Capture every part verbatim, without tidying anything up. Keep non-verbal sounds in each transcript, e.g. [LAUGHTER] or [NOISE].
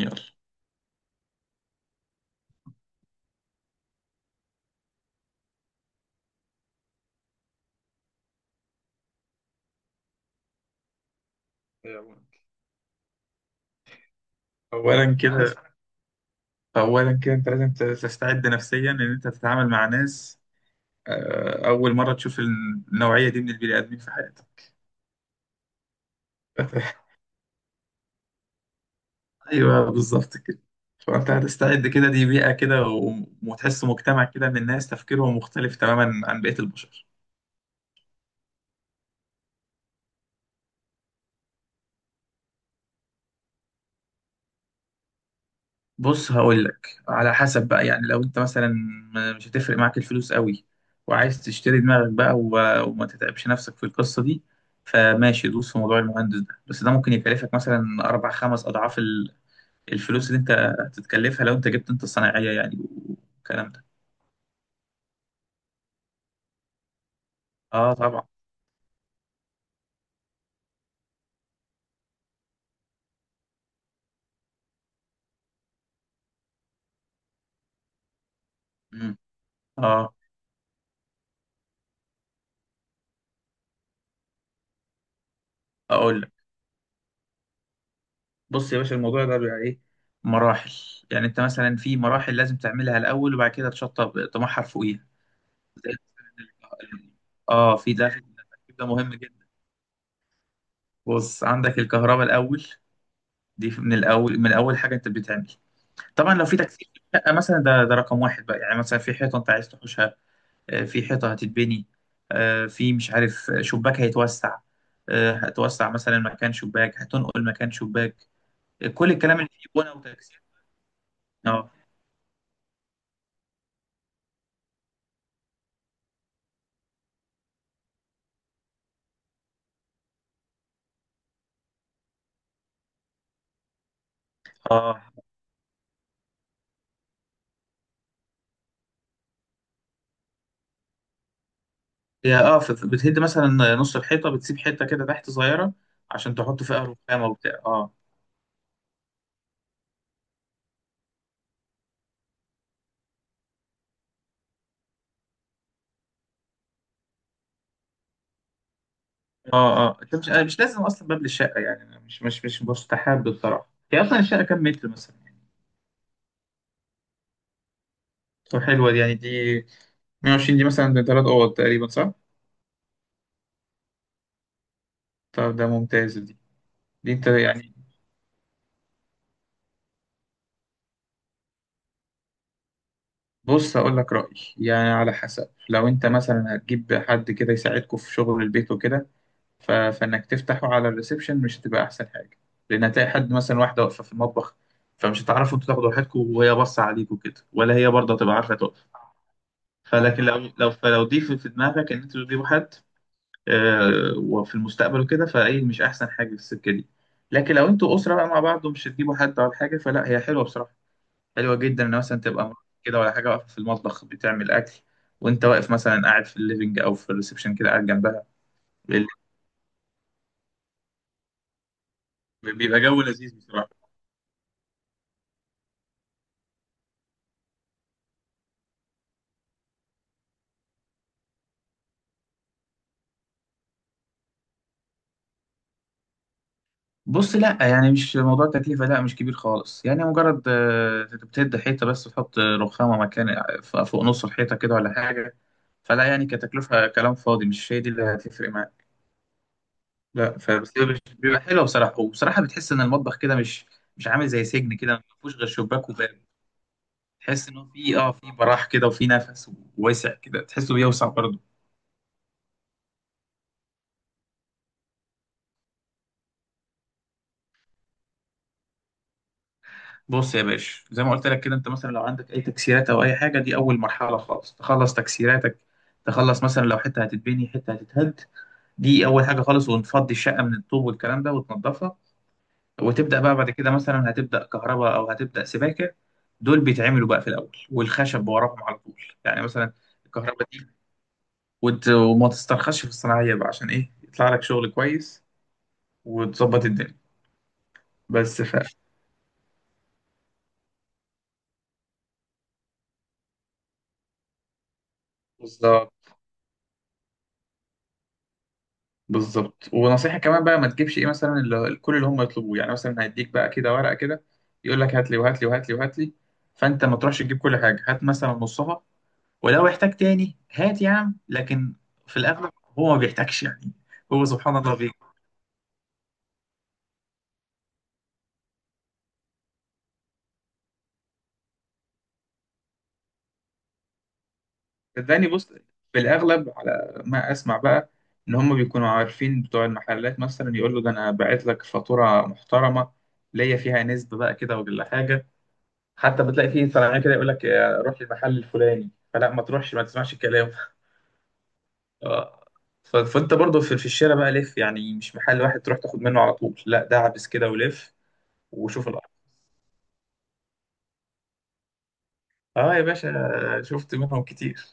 يلا يلا اولا كده اولا كده انت لازم تستعد نفسيا ان انت تتعامل مع ناس، آه، اول مره تشوف النوعيه دي من البني ادمين في حياتك. [LAUGHS] ايوه بالظبط كده. فانت هتستعد كده، دي بيئه كده و- وتحس مجتمع كده من الناس تفكيرهم مختلف تماما عن بقيه البشر. بص هقول لك على حسب بقى. يعني لو انت مثلا م- مش هتفرق معاك الفلوس قوي وعايز تشتري دماغك بقى و- وما تتعبش نفسك في القصة دي، فماشي، دوس في موضوع المهندس ده. بس ده ممكن يكلفك مثلا أربع خمس أضعاف ال- الفلوس اللي أنت هتتكلفها لو أنت جبت أنت الصناعية يعني، والكلام ده. أه طبعا. مم. أه أقول لك. بص يا باشا، الموضوع ده بيبقى إيه، مراحل. يعني أنت مثلا في مراحل لازم تعملها الأول، وبعد كده تشطب طموحها فوقيها. زي مثلا الك- اه في ده في التركيب ده مهم جدا. بص، عندك الكهرباء الاول، دي من الاول، من اول حاجه انت بتعمل. طبعا لو في تكثيف في الشقه مثلا، ده ده رقم واحد بقى. يعني مثلا في حيطه انت عايز تحوشها، آه، في حيطه هتتبني، آه، في مش عارف آه، شباك هيتوسع، آه، هتوسع مثلا مكان شباك، هتنقل مكان شباك، آه، كل الكلام اللي فيه بنى وتكثيف. اه. اه هي اه، ف- ف- بتهد مثلا نص الحيطه، بتسيب حته كده تحت صغيره عشان تحط فيها رخامه وبتاع، اه. اه اه، انت مش، أنا مش لازم اصلا باب للشقه يعني. أنا مش مش مش مستحب بصراحه. هي اصلا الشقه كام متر مثلا؟ طب حلوه دي يعني، دي مية وعشرين دي مثلا، ده ثلاث اوض تقريبا، صح؟ طب ده ممتاز دي. دي انت يعني، بص اقول لك رايي يعني، على حسب. لو انت مثلا هتجيب حد كده يساعدكم في شغل البيت وكده، ف... فانك تفتحه على الريسبشن مش هتبقى احسن حاجه، لان هتلاقي حد مثلا واحده واقفه في المطبخ، فمش هتعرفوا انتوا تاخدوا راحتكم وهي باصه عليكم كده، ولا هي برضه هتبقى عارفه تقف. فلكن لو، لو فلو دي في في دماغك ان انتوا تجيبوا حد، آه، وفي المستقبل وكده، فايه مش احسن حاجه في السكه دي. لكن لو انتوا اسره بقى مع بعض، ومش هتجيبوا حد ولا حاجه، فلا هي حلوه بصراحه. حلوه جدا ان مثلا تبقى مراتك كده ولا حاجه واقفه في المطبخ بتعمل اكل، وانت واقف مثلا قاعد في الليفنج او في الريسبشن كده قاعد جنبها. بيبقى جو لذيذ بصراحه. بص لا، يعني مش موضوع تكلفه، لا مش كبير خالص. يعني مجرد آه، بتهد حيطه، بس تحط رخامه مكان، آه، فوق نص الحيطه كده ولا حاجه. فلا يعني، كتكلفة كلام فاضي، مش هي دي اللي هتفرق معاك. لا، فبس هي مش- بيبقى حلوة بصراحة، وبصراحة بتحس إن المطبخ كده مش مش عامل زي سجن كده ما فيهوش غير شباك وباب. تحس إن هو في اه، في براح كده وفي نفس، وواسع كده، تحسه بيوسع برضه. بص يا باشا، زي ما قلت لك كده، أنت مثلا لو عندك أي تكسيرات أو أي حاجة، دي أول مرحلة خالص، تخلص تكسيراتك. تخلص مثلا لو حتة هتتبني، حتة هتتهد، دي أول حاجة خالص. ونفضي الشقة من الطوب والكلام ده وتنضفها، وتبدأ بقى بعد كده. مثلا هتبدأ كهرباء أو هتبدأ سباكة، دول بيتعملوا بقى في الأول، والخشب وراهم على طول يعني. مثلا الكهرباء دي، وت... وما تسترخصش في الصناعية بقى عشان إيه يطلع لك شغل كويس وتظبط الدنيا. بس ف، بالظبط. بالظبط. ونصيحة كمان بقى، ما تجيبش إيه مثلا، اللي كل اللي هم يطلبوه. يعني مثلا هيديك بقى كده ورقة كده، يقول لك هات لي وهات لي وهات لي وهات لي، فأنت ما تروحش تجيب كل حاجة، هات مثلا نصها. ولو احتاج تاني هات يا عم، لكن في الاغلب هو ما بيحتاجش يعني. هو سبحان الله بي، صدقني، بص في الاغلب على ما اسمع بقى، ان هم بيكونوا عارفين بتوع المحلات. مثلا يقول له ده انا باعت لك فاتوره محترمه، ليا فيها نسبه بقى كده ولا حاجه. حتى بتلاقي فيه صناعيه كده يقول لك آه، روح للمحل الفلاني، فلا ما تروحش، ما تسمعش الكلام. [LAUGHS] آه. ف- فانت برضو في في الشارع بقى لف، يعني مش محل واحد تروح تاخد منه على طول، لا ده عبس كده ولف وشوف. اه يا باشا، شفت منهم كتير.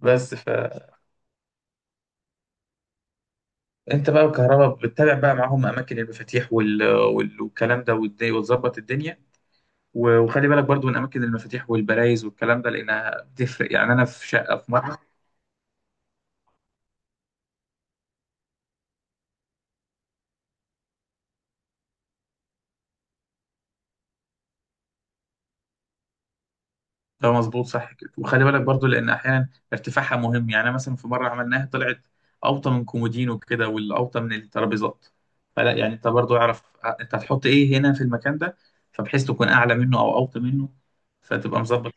بس فانت بقى، الكهرباء بتتابع بقى معاهم اماكن المفاتيح وال... وال... والكلام ده، والد- وتظبط الدنيا. و- وخلي بالك برضو من اماكن المفاتيح والبرايز والكلام ده، لانها بتفرق. يعني انا في شقه في مره، ده مظبوط صح كده. وخلي بالك برضو، لان احيانا ارتفاعها مهم. يعني أنا مثلا في مره عملناها طلعت اوطى من كومودين وكده، والاوطى من الترابيزات. فلا يعني انت برضو اعرف انت هتحط ايه هنا في المكان ده، فبحيث تكون اعلى منه او اوطى منه، فتبقى مظبط.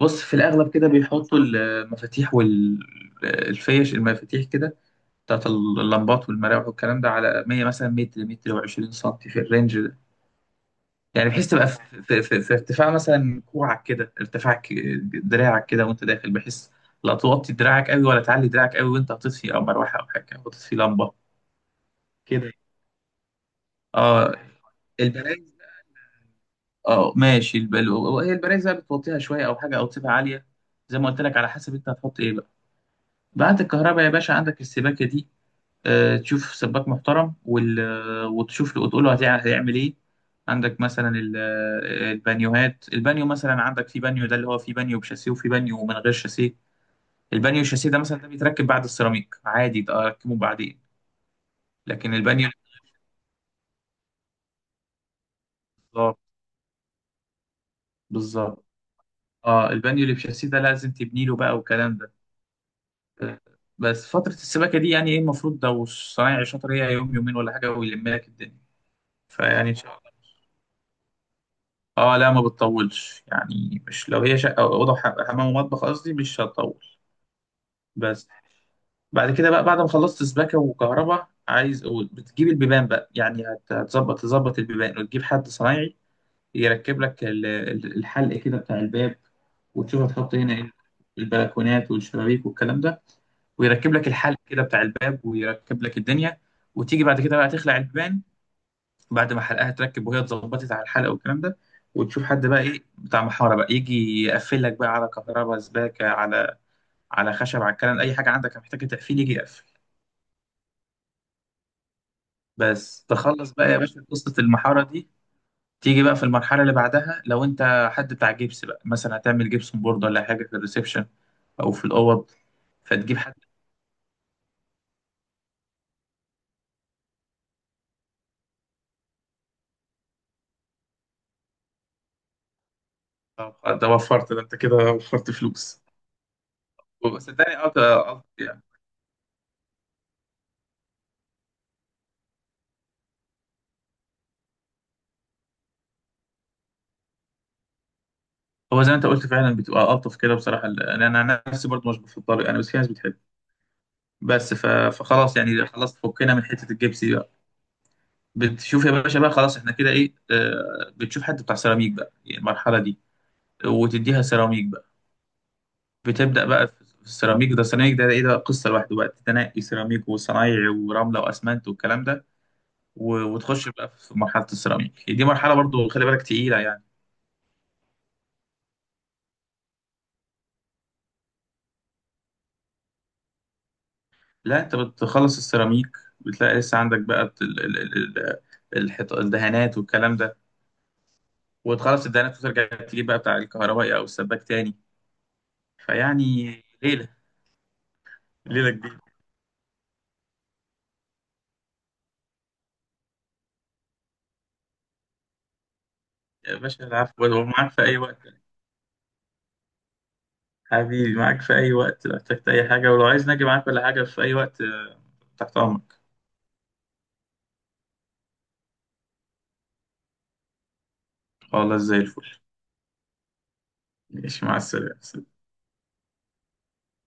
بص في الأغلب كده بيحطوا المفاتيح والفيش، المفاتيح كده بتاعت اللمبات والمراوح والكلام ده، على مية مثلا متر، متر و20 سم، في الرينج ده. يعني بحيث تبقى في, في, في, في ارتفاع مثلا كوعك كده، ارتفاع ك- دراعك كده وانت داخل، بحيث لا توطي دراعك قوي ولا تعلي دراعك قوي، وانت هتطفي او مروحه او حاجه او تطفي لمبه كده. اه البرايز، اه ماشي البل... هي البرايز بقى بتوطيها شويه او حاجه، او تسيبها عاليه زي ما قلت لك، على حسب انت هتحط ايه. بعد الكهرباء يا باشا عندك السباكة دي. آه، تشوف سباك محترم وال... آه، وتشوف له وتقول له هتع- هيعمل ايه. عندك مثلا ال- آه، البانيوهات. البانيو مثلا، عندك في بانيو ده اللي هو، في بانيو بشاسيه وفي بانيو من غير شاسيه. البانيو الشاسيه ده مثلا، ده بيتركب بعد السيراميك عادي، ده اركبه بعدين. لكن البانيو بالظبط، بالظبط، اه البانيو اللي بشاسيه ده لازم تبني له بقى والكلام ده. آه، بس فترة السباكة دي يعني، ايه المفروض لو الصنايعي شاطر، هي يوم يومين ولا حاجة ويلم لك الدنيا. فيعني ان شاء الله، اه لا ما بتطولش يعني، مش لو هي شقه أو اوضه وح- حمام ومطبخ قصدي، مش هتطول. بس بعد كده بقى، بعد ما خلصت سباكه وكهرباء، عايز بتجيب البيبان بقى، يعني هت- هتظبط تظبط البيبان، وتجيب حد صنايعي يركب لك ال- ال- الحلق كده بتاع الباب، وتشوف هتحط هنا ايه. البلكونات والشبابيك والكلام ده، ويركب لك الحلق كده بتاع الباب، ويركب لك الدنيا. وتيجي بعد كده بقى تخلع البيبان، بعد ما حلقها تركب وهي اتظبطت على الحلقه والكلام ده. وتشوف حد بقى ايه بتاع محاره بقى، يجي يقفل لك بقى على كهرباء، سباكه، على على خشب، على الكلام. اي حاجه عندك محتاجه تقفيل يجي يقفل. بس تخلص بقى يا باشا قصه المحاره دي، تيجي بقى في المرحله اللي بعدها. لو انت حد بتاع جبس بقى مثلا، هتعمل جبسون بورد ولا حاجه في الريسبشن او في الاوض، فتجيب حد. طب ده وفرت، ده انت كده وفرت فلوس. صدقني اه ده ألطف يعني. هو زي ما انت قلت فعلا، بتبقى الطف كده بصراحه، لان انا نفسي برضو مش بفضل يعني، بس في ناس بتحب. بس ف- فخلاص يعني، خلاص فكنا من حته الجبس دي بقى. بتشوف يا باشا بقى، خلاص احنا كده ايه، آه، بتشوف حد بتاع سيراميك بقى يعني، المرحله دي، وتديها سيراميك بقى. بتبدا بقى في السيراميك. ده السيراميك ده ايه، ده قصه لوحده بقى، تنقي سيراميك وصنايعي ورمله واسمنت والكلام ده. و- وتخش بقى في مرحله السيراميك. يعني دي مرحله برضو خلي بالك تقيله يعني. لا انت بتخلص السيراميك، بتلاقي لسه عندك بقى بت- ال- ال- ال- ال- الحيط- الدهانات والكلام ده، وتخلص الدهانات وترجع تجيب بقى بتاع الكهربائي او السباك تاني. فيعني، ليلة، ليلة كبيرة. يا باشا العفو، ومعاك في أي وقت. حبيبي معاك في أي وقت، لو احتجت أي حاجة، ولو عايز نجي معاك ولا حاجة في أي وقت آه، تحت أمرك. خلاص زي الفل. ماشي مع السلامة.